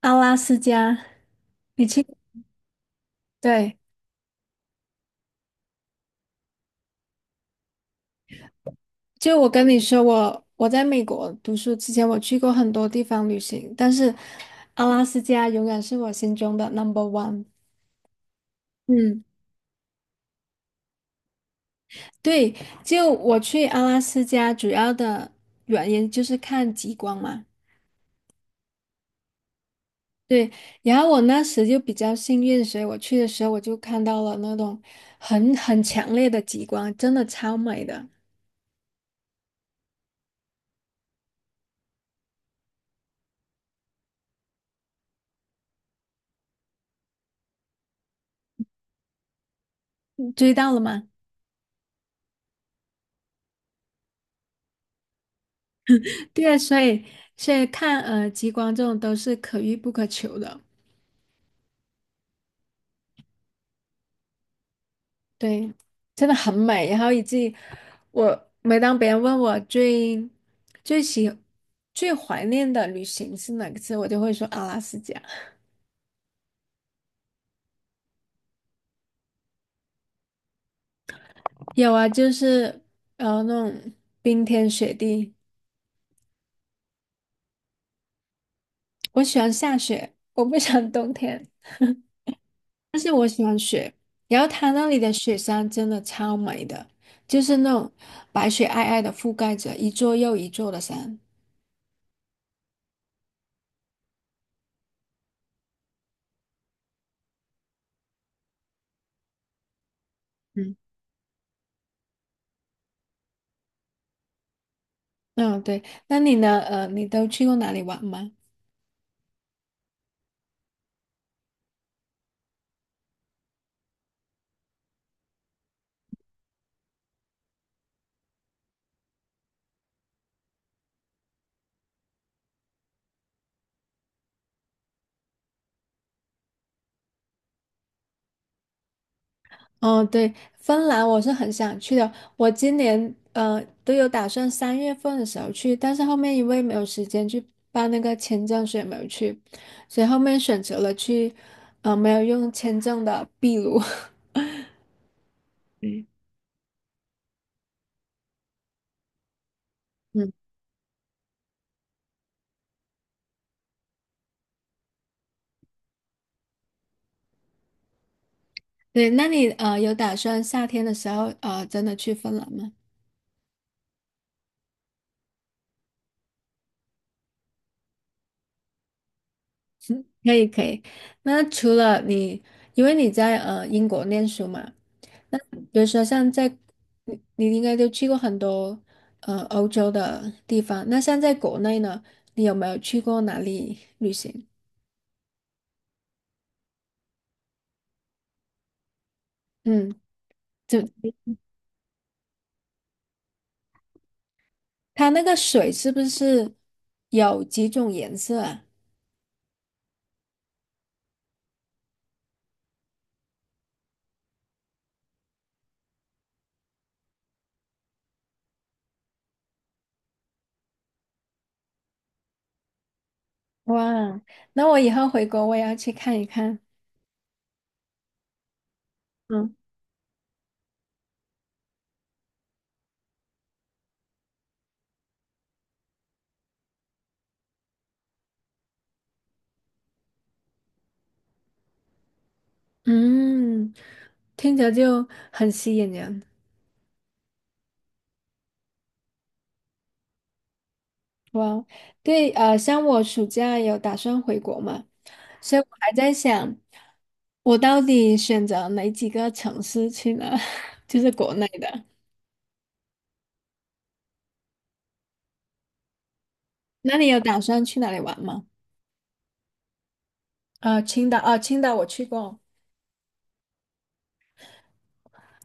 阿拉斯加，你去，对，就我跟你说，我在美国读书之前，我去过很多地方旅行，但是阿拉斯加永远是我心中的 number one。嗯，对，就我去阿拉斯加主要的原因就是看极光嘛。对，然后我那时就比较幸运，所以我去的时候我就看到了那种很强烈的极光，真的超美的。追到了吗？对，所以看极光这种都是可遇不可求的，对，真的很美。然后以及我每当别人问我最喜最怀念的旅行是哪个次，我就会说阿拉斯加。有啊，就是那种冰天雪地，我喜欢下雪，我不喜欢冬天雪。然后它那里的雪山真的超美的，就是那种白雪皑皑的覆盖着一座又一座的山。嗯嗯，对，那你呢？你都去过哪里玩吗？哦，对，芬兰我是很想去的，我今年都有打算三月份的时候去，但是后面因为没有时间去办那个签证，所以没有去，所以后面选择了去，没有用签证的秘鲁。嗯。嗯，对，那你有打算夏天的时候真的去芬兰吗？可以可以，那除了你，因为你在英国念书嘛，那比如说像在你应该都去过很多欧洲的地方，那像在国内呢，你有没有去过哪里旅行？嗯，就它那个水是不是有几种颜色啊？哇，那我以后回国我也要去看一看。嗯嗯，听着就很吸引人。哇哦，对，像我暑假有打算回国嘛，所以我还在想，我到底选择哪几个城市去呢？就是国内的。那你有打算去哪里玩吗？青岛，啊、青岛我去过。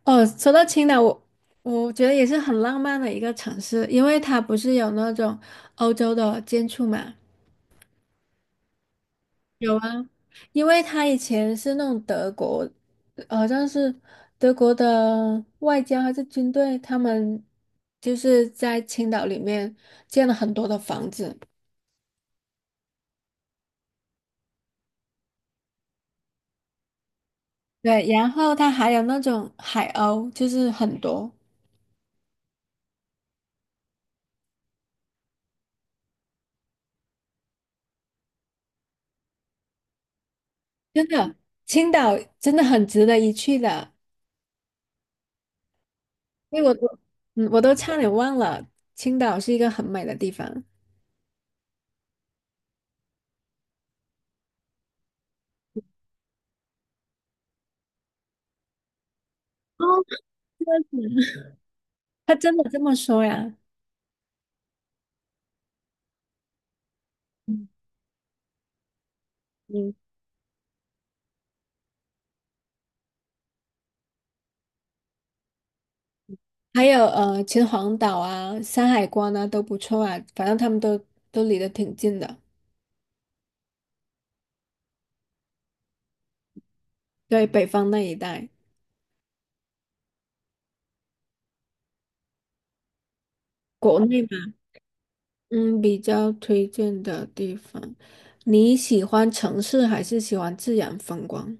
哦，说到青岛，我觉得也是很浪漫的一个城市，因为它不是有那种欧洲的建筑嘛，有啊，因为他以前是那种德国，好像是德国的外交还是军队，他们就是在青岛里面建了很多的房子。对，然后他还有那种海鸥，就是很多，真的，青岛真的很值得一去的。因为我都，嗯，我都差点忘了，青岛是一个很美的地方。哦，他真的这么说呀？嗯。还有秦皇岛啊、山海关啊都不错啊，反正他们都离得挺近的。对，北方那一带，国内嘛，嗯，比较推荐的地方，你喜欢城市还是喜欢自然风光？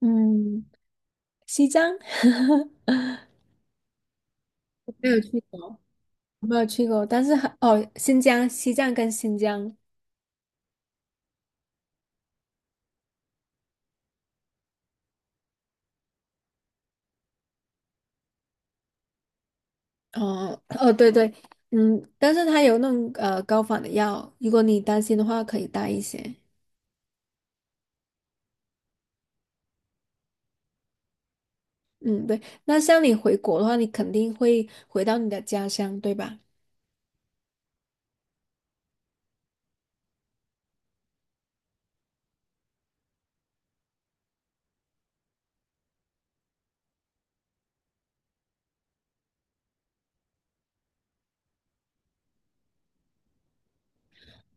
嗯，西藏 没有去过，我没有去过，但是还哦，新疆、西藏跟新疆，哦哦，对对，嗯，但是它有那种高仿的药，如果你担心的话，可以带一些。嗯，对。那像你回国的话，你肯定会回到你的家乡，对吧？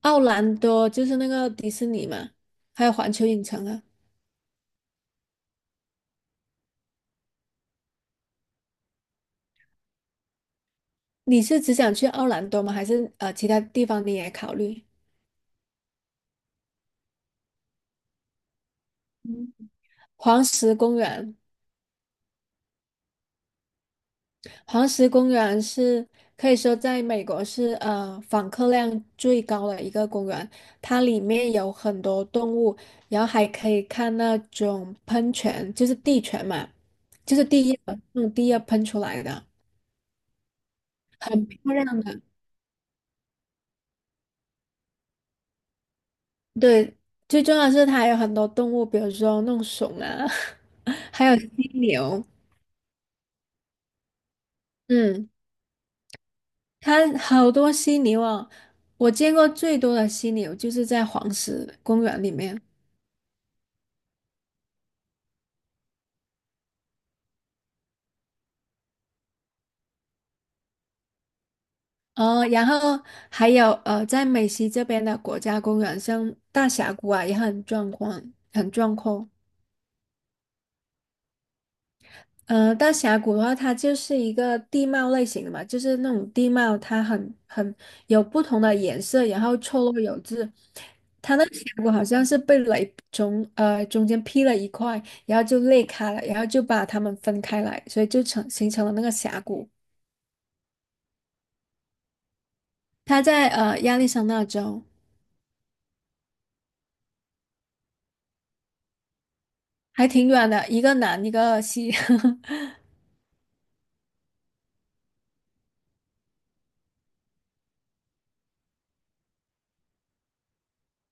奥兰多就是那个迪士尼嘛，还有环球影城啊。你是只想去奥兰多吗？还是其他地方你也考虑？黄石公园，黄石公园是可以说在美国是访客量最高的一个公园，它里面有很多动物，然后还可以看那种喷泉，就是地泉嘛，就是地热那种地热喷出来的。很漂亮的。对，最重要的是它还有很多动物，比如说弄熊啊，还有犀牛。嗯，它好多犀牛啊，我见过最多的犀牛就是在黄石公园里面。哦，然后还有在美西这边的国家公园，像大峡谷啊，也很壮观，很壮阔。大峡谷的话，它就是一个地貌类型的嘛，就是那种地貌，它很有不同的颜色，然后错落有致。它那个峡谷好像是被雷从中间劈了一块，然后就裂开了，然后就把它们分开来，所以就形成了那个峡谷。它在亚利桑那州，还挺远的，一个南一个西。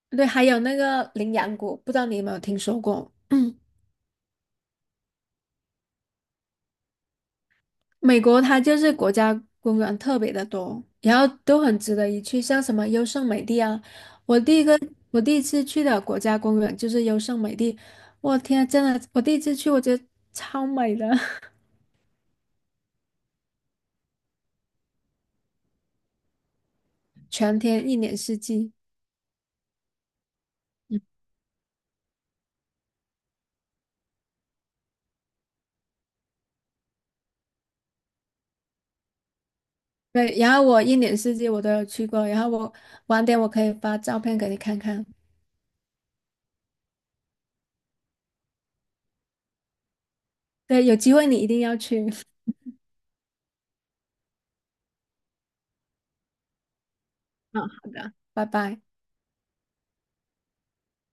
对，还有那个羚羊谷，不知道你有没有听说过？美国它就是国家公园特别的多，然后都很值得一去，像什么优胜美地啊，我第一个我第一次去的国家公园就是优胜美地，我天啊，真的，我第一次去我觉得超美的，全天一年四季，嗯对，然后我一年四季我都有去过，然后晚点我可以发照片给你看看，对，有机会你一定要去，嗯，好的，拜拜。